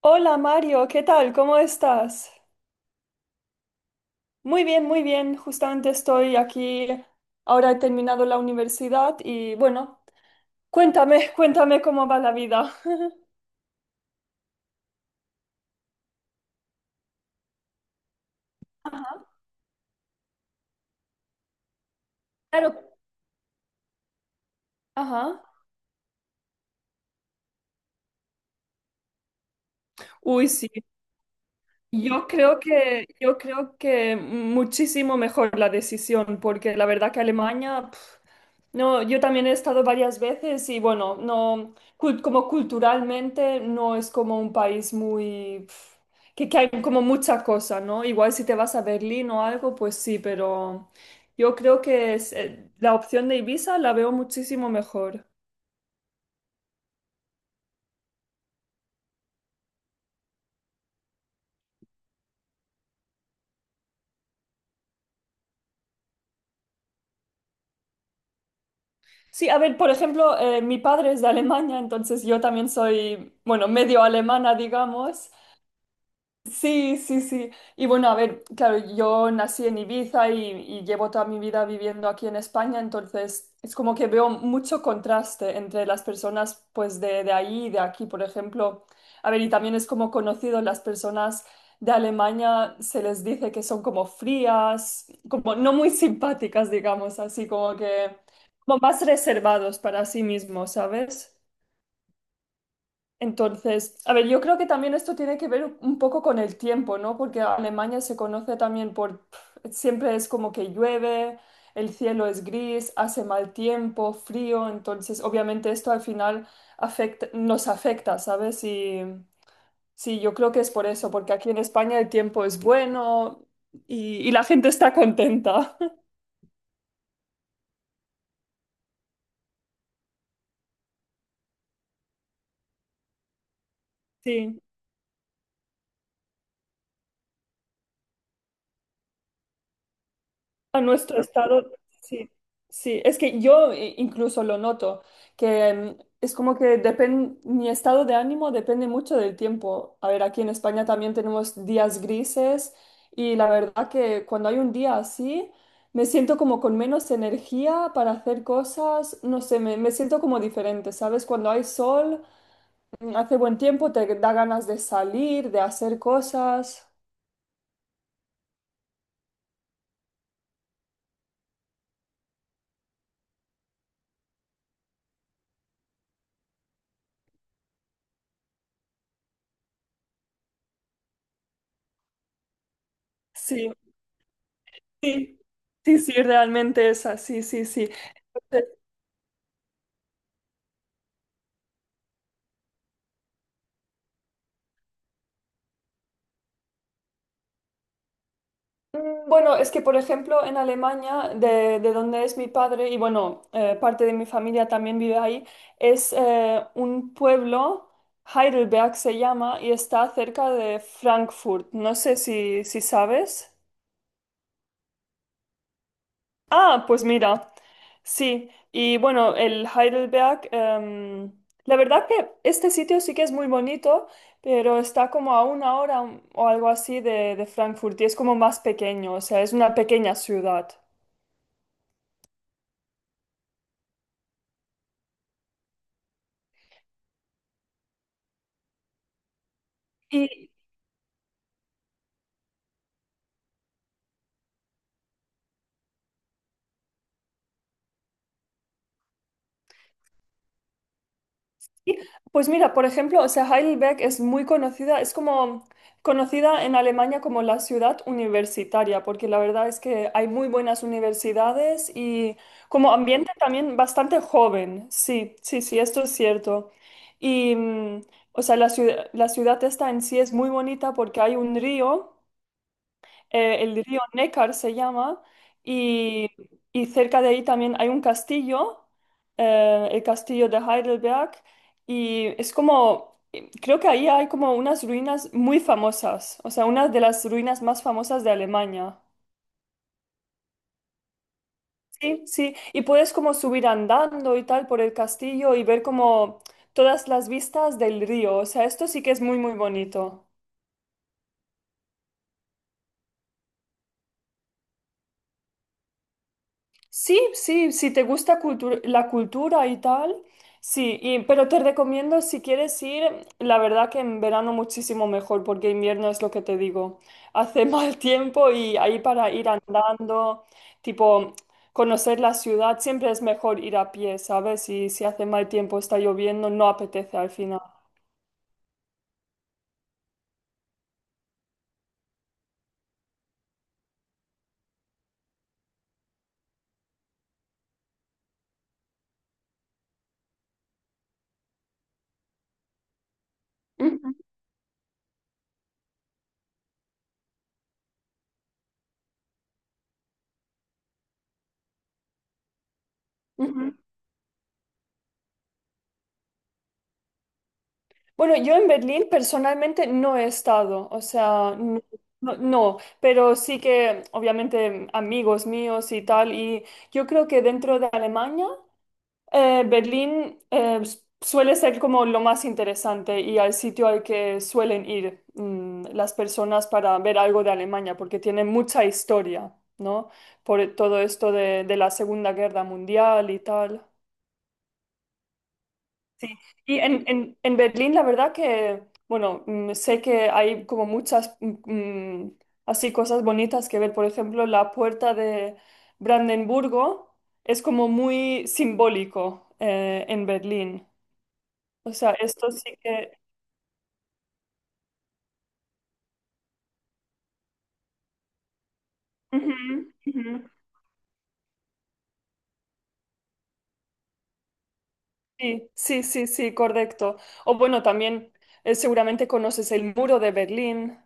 Hola Mario, ¿qué tal? ¿Cómo estás? Muy bien, muy bien. Justamente estoy aquí. Ahora he terminado la universidad y bueno, cuéntame, cuéntame cómo va la vida. Ajá. Claro. Ajá. Uy, sí. Yo creo que muchísimo mejor la decisión, porque la verdad que Alemania, pf, no, yo también he estado varias veces y bueno, no, como culturalmente no es como un país muy, pf, que hay como mucha cosa, ¿no? Igual si te vas a Berlín o algo, pues sí, pero yo creo que es, la opción de Ibiza la veo muchísimo mejor. Sí, a ver, por ejemplo, mi padre es de Alemania, entonces yo también soy, bueno, medio alemana, digamos. Sí, sí, sí. Y bueno, a ver, claro, yo nací en Ibiza y llevo toda mi vida viviendo aquí en España, entonces es como que veo mucho contraste entre las personas pues de ahí y de aquí, por ejemplo. A ver, y también es como conocido, las personas de Alemania se les dice que son como frías, como no muy simpáticas, digamos, así como que como más reservados para sí mismos, ¿sabes? Entonces, a ver, yo creo que también esto tiene que ver un poco con el tiempo, ¿no? Porque Alemania se conoce también por, pf, siempre es como que llueve, el cielo es gris, hace mal tiempo, frío, entonces obviamente esto al final afecta, nos afecta, ¿sabes? Y sí, yo creo que es por eso, porque aquí en España el tiempo es bueno y la gente está contenta. Sí. A nuestro estado, sí, sí, es que yo incluso lo noto, que es como que depende, mi estado de ánimo depende mucho del tiempo. A ver, aquí en España también tenemos días grises y la verdad que cuando hay un día así, me siento como con menos energía para hacer cosas, no sé, me siento como diferente, ¿sabes? Cuando hay sol, hace buen tiempo, te da ganas de salir, de hacer cosas. Sí, sí, sí, sí, realmente es así, sí, sí. Bueno, es que por ejemplo en Alemania, de donde es mi padre y bueno, parte de mi familia también vive ahí, es un pueblo, Heidelberg se llama, y está cerca de Frankfurt. No sé si, si sabes. Ah, pues mira, sí. Y bueno, el Heidelberg, la verdad que este sitio sí que es muy bonito, pero está como a una hora o algo así de Frankfurt y es como más pequeño, o sea, es una pequeña ciudad. Sí. Pues mira, por ejemplo, o sea, Heidelberg es muy conocida, es como conocida en Alemania como la ciudad universitaria, porque la verdad es que hay muy buenas universidades y como ambiente también bastante joven. Sí, sí, sí, esto es cierto. Y, o sea, la ciudad esta en sí es muy bonita porque hay un río el río Neckar se llama, y, y cerca de ahí también hay un castillo, el castillo de Heidelberg, y es como, creo que ahí hay como unas ruinas muy famosas, o sea, una de las ruinas más famosas de Alemania. Sí, sí, y puedes como subir andando y tal por el castillo y ver como todas las vistas del río, o sea, esto sí que es muy, muy bonito. Sí, sí, si te gusta la cultura y tal, sí, y- pero te recomiendo si quieres ir, la verdad que en verano muchísimo mejor, porque invierno es lo que te digo, hace mal tiempo y ahí para ir andando, tipo conocer la ciudad, siempre es mejor ir a pie, ¿sabes? Y si hace mal tiempo, está lloviendo, no apetece al final. Ujú, ujú. Bueno, yo en Berlín personalmente no he estado, o sea, no, no, no, pero sí que obviamente amigos míos y tal, y yo creo que dentro de Alemania, Berlín suele ser como lo más interesante y al sitio al que suelen ir las personas para ver algo de Alemania, porque tiene mucha historia, ¿no? Por todo esto de la Segunda Guerra Mundial y tal. Y en Berlín, la verdad que, bueno, sé que hay como muchas así cosas bonitas que ver. Por ejemplo, la puerta de Brandenburgo es como muy simbólico en Berlín. O sea, esto sí que... Ujú, ujú. Sí, sí, sí, sí, correcto. O bueno, también seguramente conoces el muro de Berlín.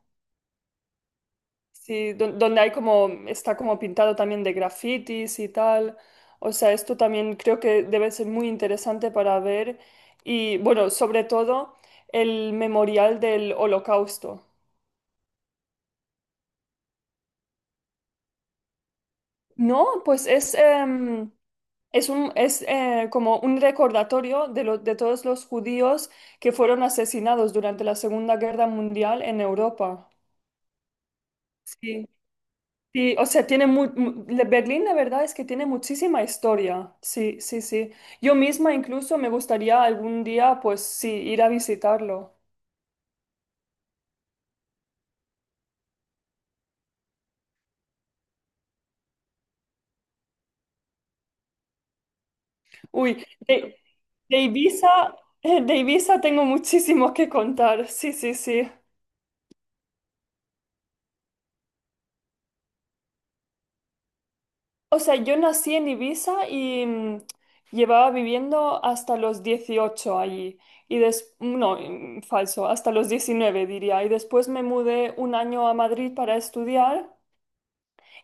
Sí, donde hay como, está como pintado también de grafitis y tal. O sea, esto también creo que debe ser muy interesante para ver. Y bueno, sobre todo el memorial del Holocausto. No, pues es, es un, es como un recordatorio de, de todos los judíos que fueron asesinados durante la Segunda Guerra Mundial en Europa. Sí. Sí, o sea, tiene la- Berlín, la verdad es que tiene muchísima historia. Sí, sí, sí. Yo misma incluso me gustaría algún día, pues sí, ir a visitarlo. Uy, de Ibiza, de Ibiza tengo muchísimo que contar. Sí, sí, sí. O sea, yo nací en Ibiza y llevaba viviendo hasta los 18 allí. Y des no, falso, hasta los 19 diría. Y después me mudé un año a Madrid para estudiar.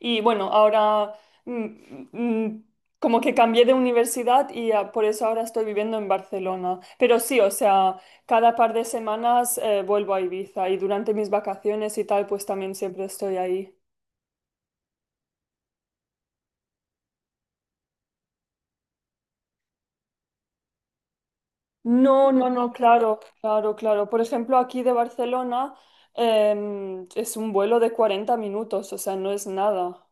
Y bueno, ahora mm, mm, como que cambié de universidad y por eso ahora estoy viviendo en Barcelona. Pero sí, o sea, cada par de semanas vuelvo a Ibiza y durante mis vacaciones y tal, pues también siempre estoy ahí. No, no, no, claro, claro, claro. Por ejemplo, aquí de Barcelona es un vuelo de 40 minutos, o sea, no es nada.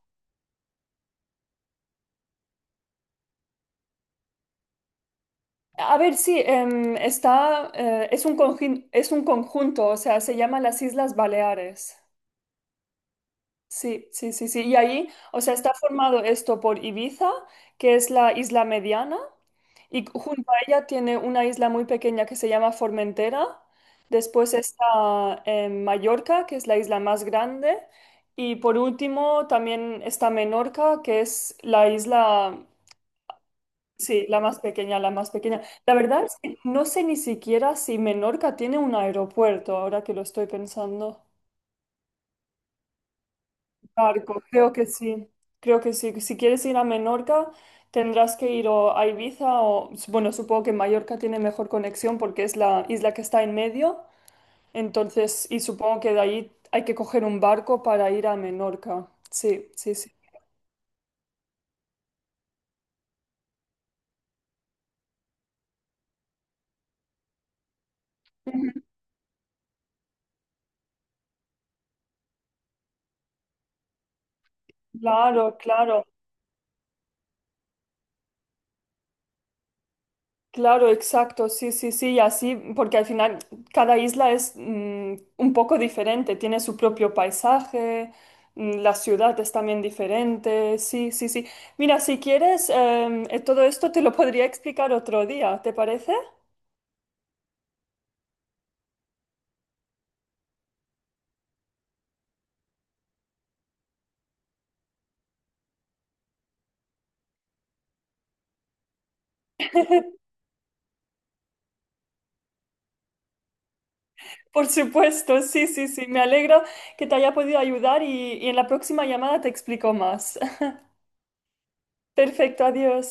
A ver, sí, está, es un conjunto, o sea, se llama las Islas Baleares. Sí, sí, sí, sí. Y ahí, o sea, está formado esto por Ibiza, que es la isla mediana, y junto a ella tiene una isla muy pequeña que se llama Formentera. Después está Mallorca, que es la isla más grande. Y por último también está Menorca, que es la isla, sí, la más pequeña, la más pequeña. La verdad es que no sé ni siquiera si Menorca tiene un aeropuerto, ahora que lo estoy pensando. Marco, creo que sí, creo que sí. Si quieres ir a Menorca, tendrás que ir o a Ibiza o, bueno, supongo que Mallorca tiene mejor conexión porque es la isla que está en medio, entonces, y supongo que de ahí hay que coger un barco para ir a Menorca. Sí, sí, sí. Ujú. Claro, claro. Claro, exacto, sí, sí, sí, y así, porque al final cada isla es un poco diferente, tiene su propio paisaje, la ciudad es también diferente, sí, sí, sí. Mira, si quieres, todo esto te lo podría explicar otro día, ¿te parece? Por supuesto, sí, sí, sí, me alegro que te haya podido ayudar y en la próxima llamada te explico más. Perfecto, adiós.